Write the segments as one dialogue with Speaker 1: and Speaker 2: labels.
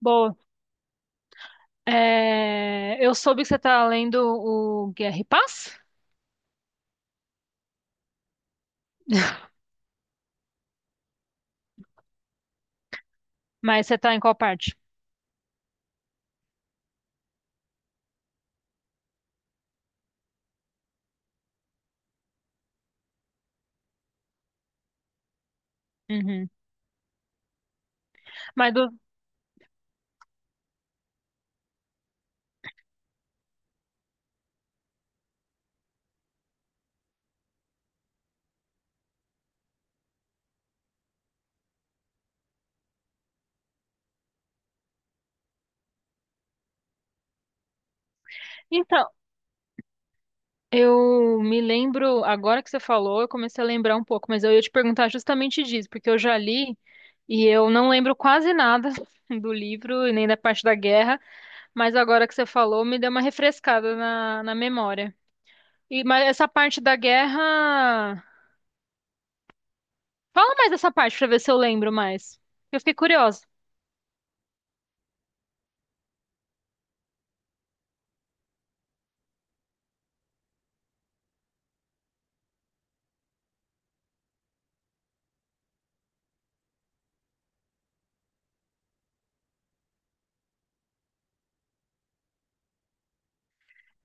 Speaker 1: Boa. É, eu soube que você tá lendo o Guerra e Paz, mas você tá em qual parte? Uhum. Mas do- Então, eu me lembro, agora que você falou, eu comecei a lembrar um pouco, mas eu ia te perguntar justamente disso, porque eu já li e eu não lembro quase nada do livro e nem da parte da guerra, mas agora que você falou, me deu uma refrescada na memória. E, mas essa parte da guerra. Fala mais dessa parte pra ver se eu lembro mais. Eu fiquei curiosa.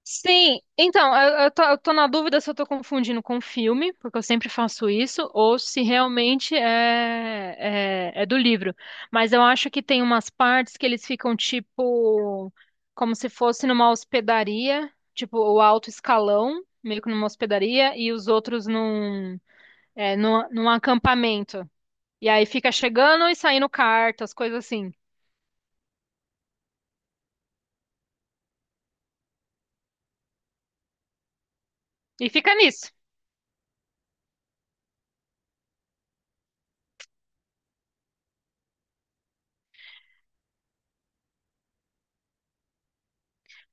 Speaker 1: Sim, então, eu tô na dúvida se eu tô confundindo com filme, porque eu sempre faço isso, ou se realmente é do livro. Mas eu acho que tem umas partes que eles ficam tipo, como se fosse numa hospedaria, tipo o alto escalão, meio que numa hospedaria, e os outros num acampamento. E aí fica chegando e saindo cartas, coisas assim. E fica nisso.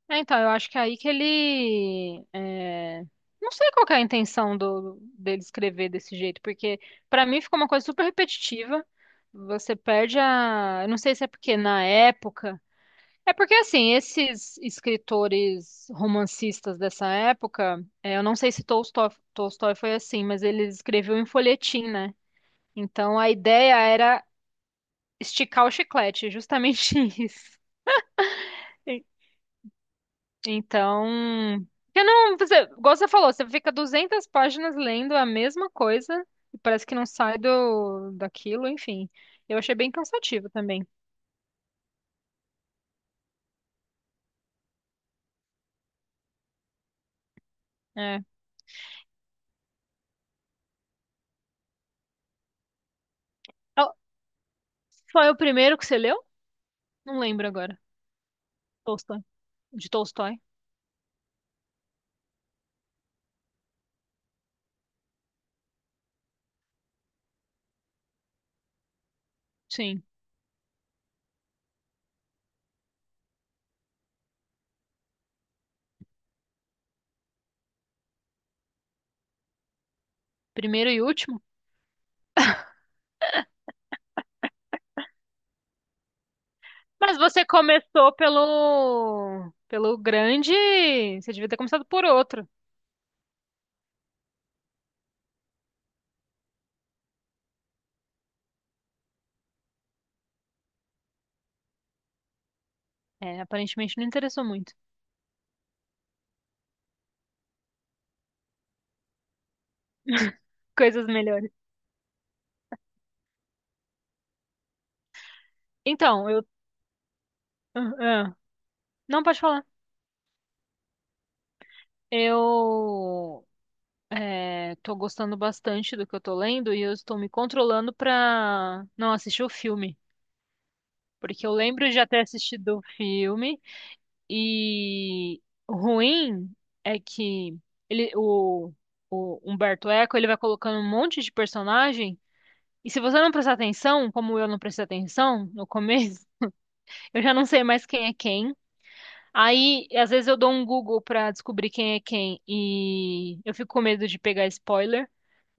Speaker 1: É, então, eu acho que é aí que ele. Não sei qual que é a intenção dele escrever desse jeito, porque pra mim ficou uma coisa super repetitiva. Você perde a. Eu não sei se é porque na época. É porque, assim, esses escritores romancistas dessa época, eu não sei se Tolstói foi assim, mas ele escreveu em folhetim, né? Então a ideia era esticar o chiclete, justamente isso. Então, eu não, você, igual você falou, você fica 200 páginas lendo a mesma coisa e parece que não sai do daquilo, enfim. Eu achei bem cansativo também. É. Ah, foi o primeiro que você leu? Não lembro agora. Tolstói. De Tolstói? Sim. Primeiro e último. Mas você começou pelo grande, você devia ter começado por outro. É, aparentemente não interessou muito. Coisas melhores. Então, eu ah, ah. não pode falar. Eu tô gostando bastante do que eu tô lendo e eu estou me controlando pra não assistir o filme. Porque eu lembro de já ter assistido o filme e o ruim é que ele, o Humberto Eco ele vai colocando um monte de personagem e se você não prestar atenção, como eu não prestei atenção no começo, eu já não sei mais quem é quem. Aí, às vezes eu dou um Google pra descobrir quem é quem e eu fico com medo de pegar spoiler.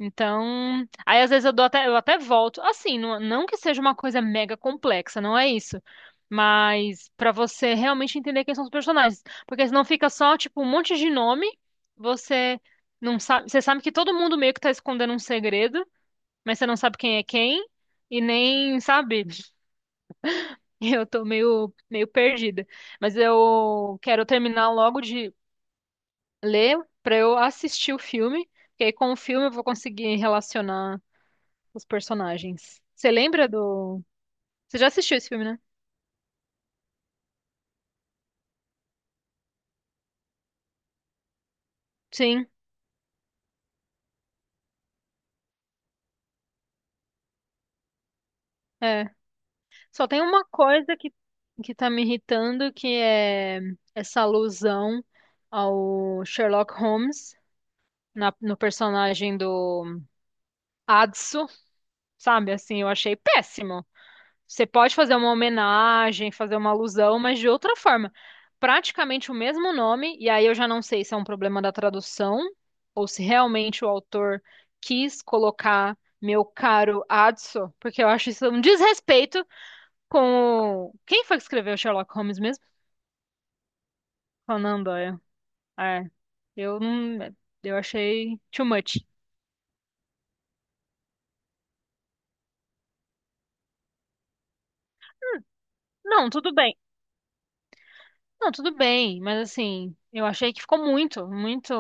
Speaker 1: Então, aí às vezes eu dou até, eu até volto. Assim, não, não que seja uma coisa mega complexa, não é isso. Mas pra você realmente entender quem são os personagens, porque senão fica só tipo um monte de nome, você não sabe, você sabe que todo mundo meio que tá escondendo um segredo, mas você não sabe quem é quem e nem sabe. Eu tô meio, meio perdida. Mas eu quero terminar logo de ler pra eu assistir o filme, porque aí com o filme eu vou conseguir relacionar os personagens. Você lembra do. Você já assistiu esse filme, né? Sim, é. Só tem uma coisa que tá me irritando, que é essa alusão ao Sherlock Holmes no personagem do Adso, sabe? Assim, eu achei péssimo. Você pode fazer uma homenagem, fazer uma alusão, mas de outra forma. Praticamente o mesmo nome, e aí eu já não sei se é um problema da tradução ou se realmente o autor quis colocar meu caro Adso, porque eu acho isso um desrespeito com o... Quem foi que escreveu Sherlock Holmes mesmo? Conan Doyle. É, eu não... Eu achei too much. Não, tudo bem. Não, tudo bem, mas assim, eu achei que ficou muito, muito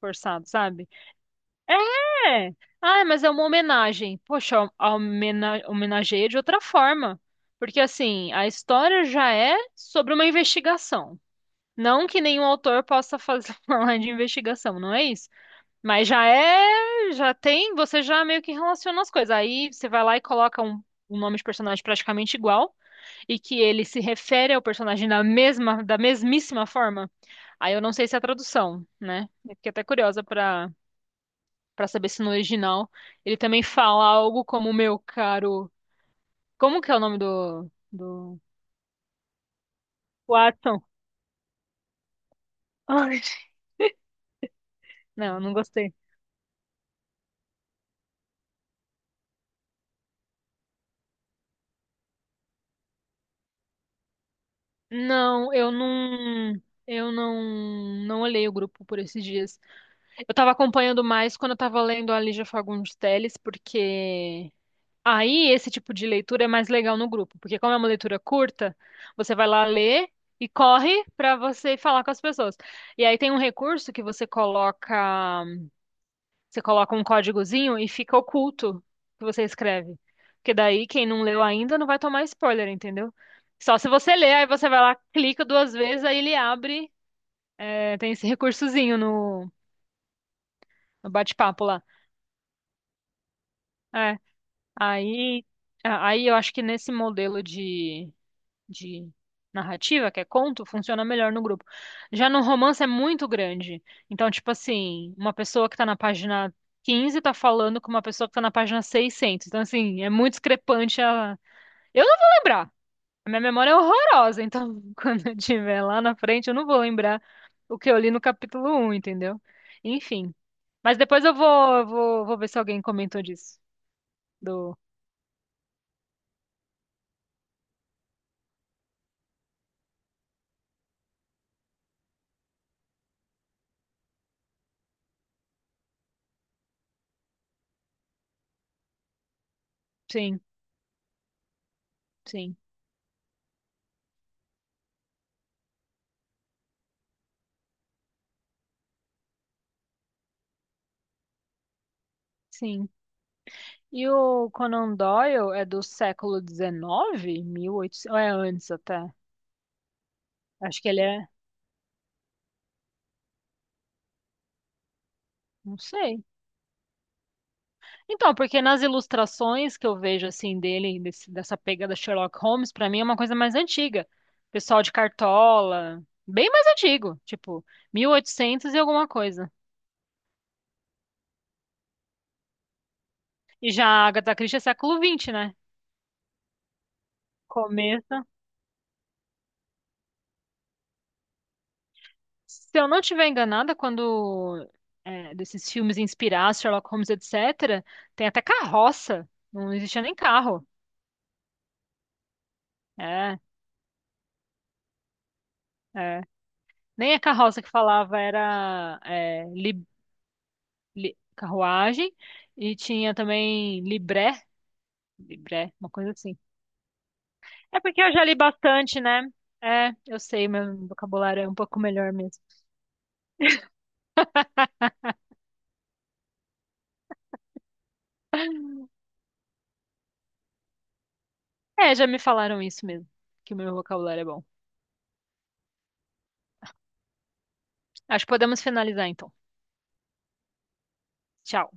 Speaker 1: forçado, sabe? É! Ah, mas é uma homenagem. Poxa, a homenageia de outra forma. Porque, assim, a história já é sobre uma investigação. Não que nenhum autor possa fazer falar de investigação, não é isso? Mas já é, já tem, você já meio que relaciona as coisas. Aí você vai lá e coloca um, um nome de personagem praticamente igual e que ele se refere ao personagem da mesma, da mesmíssima forma. Aí eu não sei se é a tradução, né? Eu fiquei até curiosa para. Pra saber se no original ele também fala algo como meu caro. Como que é o nome do Watson? Ai, não, não gostei. Não, eu não olhei o grupo por esses dias. Eu tava acompanhando mais quando eu tava lendo a Lígia Fagundes Telles, porque aí esse tipo de leitura é mais legal no grupo, porque como é uma leitura curta, você vai lá ler e corre pra você falar com as pessoas. E aí tem um recurso que você coloca um códigozinho e fica oculto o que você escreve. Porque daí quem não leu ainda não vai tomar spoiler, entendeu? Só se você ler, aí você vai lá, clica duas vezes, aí ele abre. É, tem esse recursozinho no bate-papo lá. É, aí, aí eu acho que nesse modelo de narrativa, que é conto, funciona melhor no grupo. Já no romance é muito grande. Então, tipo assim, uma pessoa que tá na página 15 tá falando com uma pessoa que tá na página 600. Então, assim, é muito discrepante a... Eu não vou lembrar. A minha memória é horrorosa, então quando eu tiver lá na frente, eu não vou lembrar o que eu li no capítulo um, entendeu? Enfim. Mas depois eu vou ver se alguém comentou disso. Do... Sim, sim, sim. E o Conan Doyle é do século XIX? 1800, ou é antes até. Acho que ele é, não sei. Então, porque nas ilustrações que eu vejo assim dele, dessa pegada Sherlock Holmes, pra mim é uma coisa mais antiga. Pessoal de cartola, bem mais antigo, tipo 1800 e oitocentos e alguma coisa. E já a Agatha Christie é século XX, né? Começa. Se eu não estiver enganada, desses filmes inspirados, Sherlock Holmes, etc., tem até carroça. Não existia nem carro. É, é. Nem a carroça que falava era carruagem. E tinha também libré. Libré, uma coisa assim. É porque eu já li bastante, né? É, eu sei, meu vocabulário é um pouco melhor mesmo. É, já me falaram isso mesmo, que o meu vocabulário é bom. Acho que podemos finalizar então. Tchau.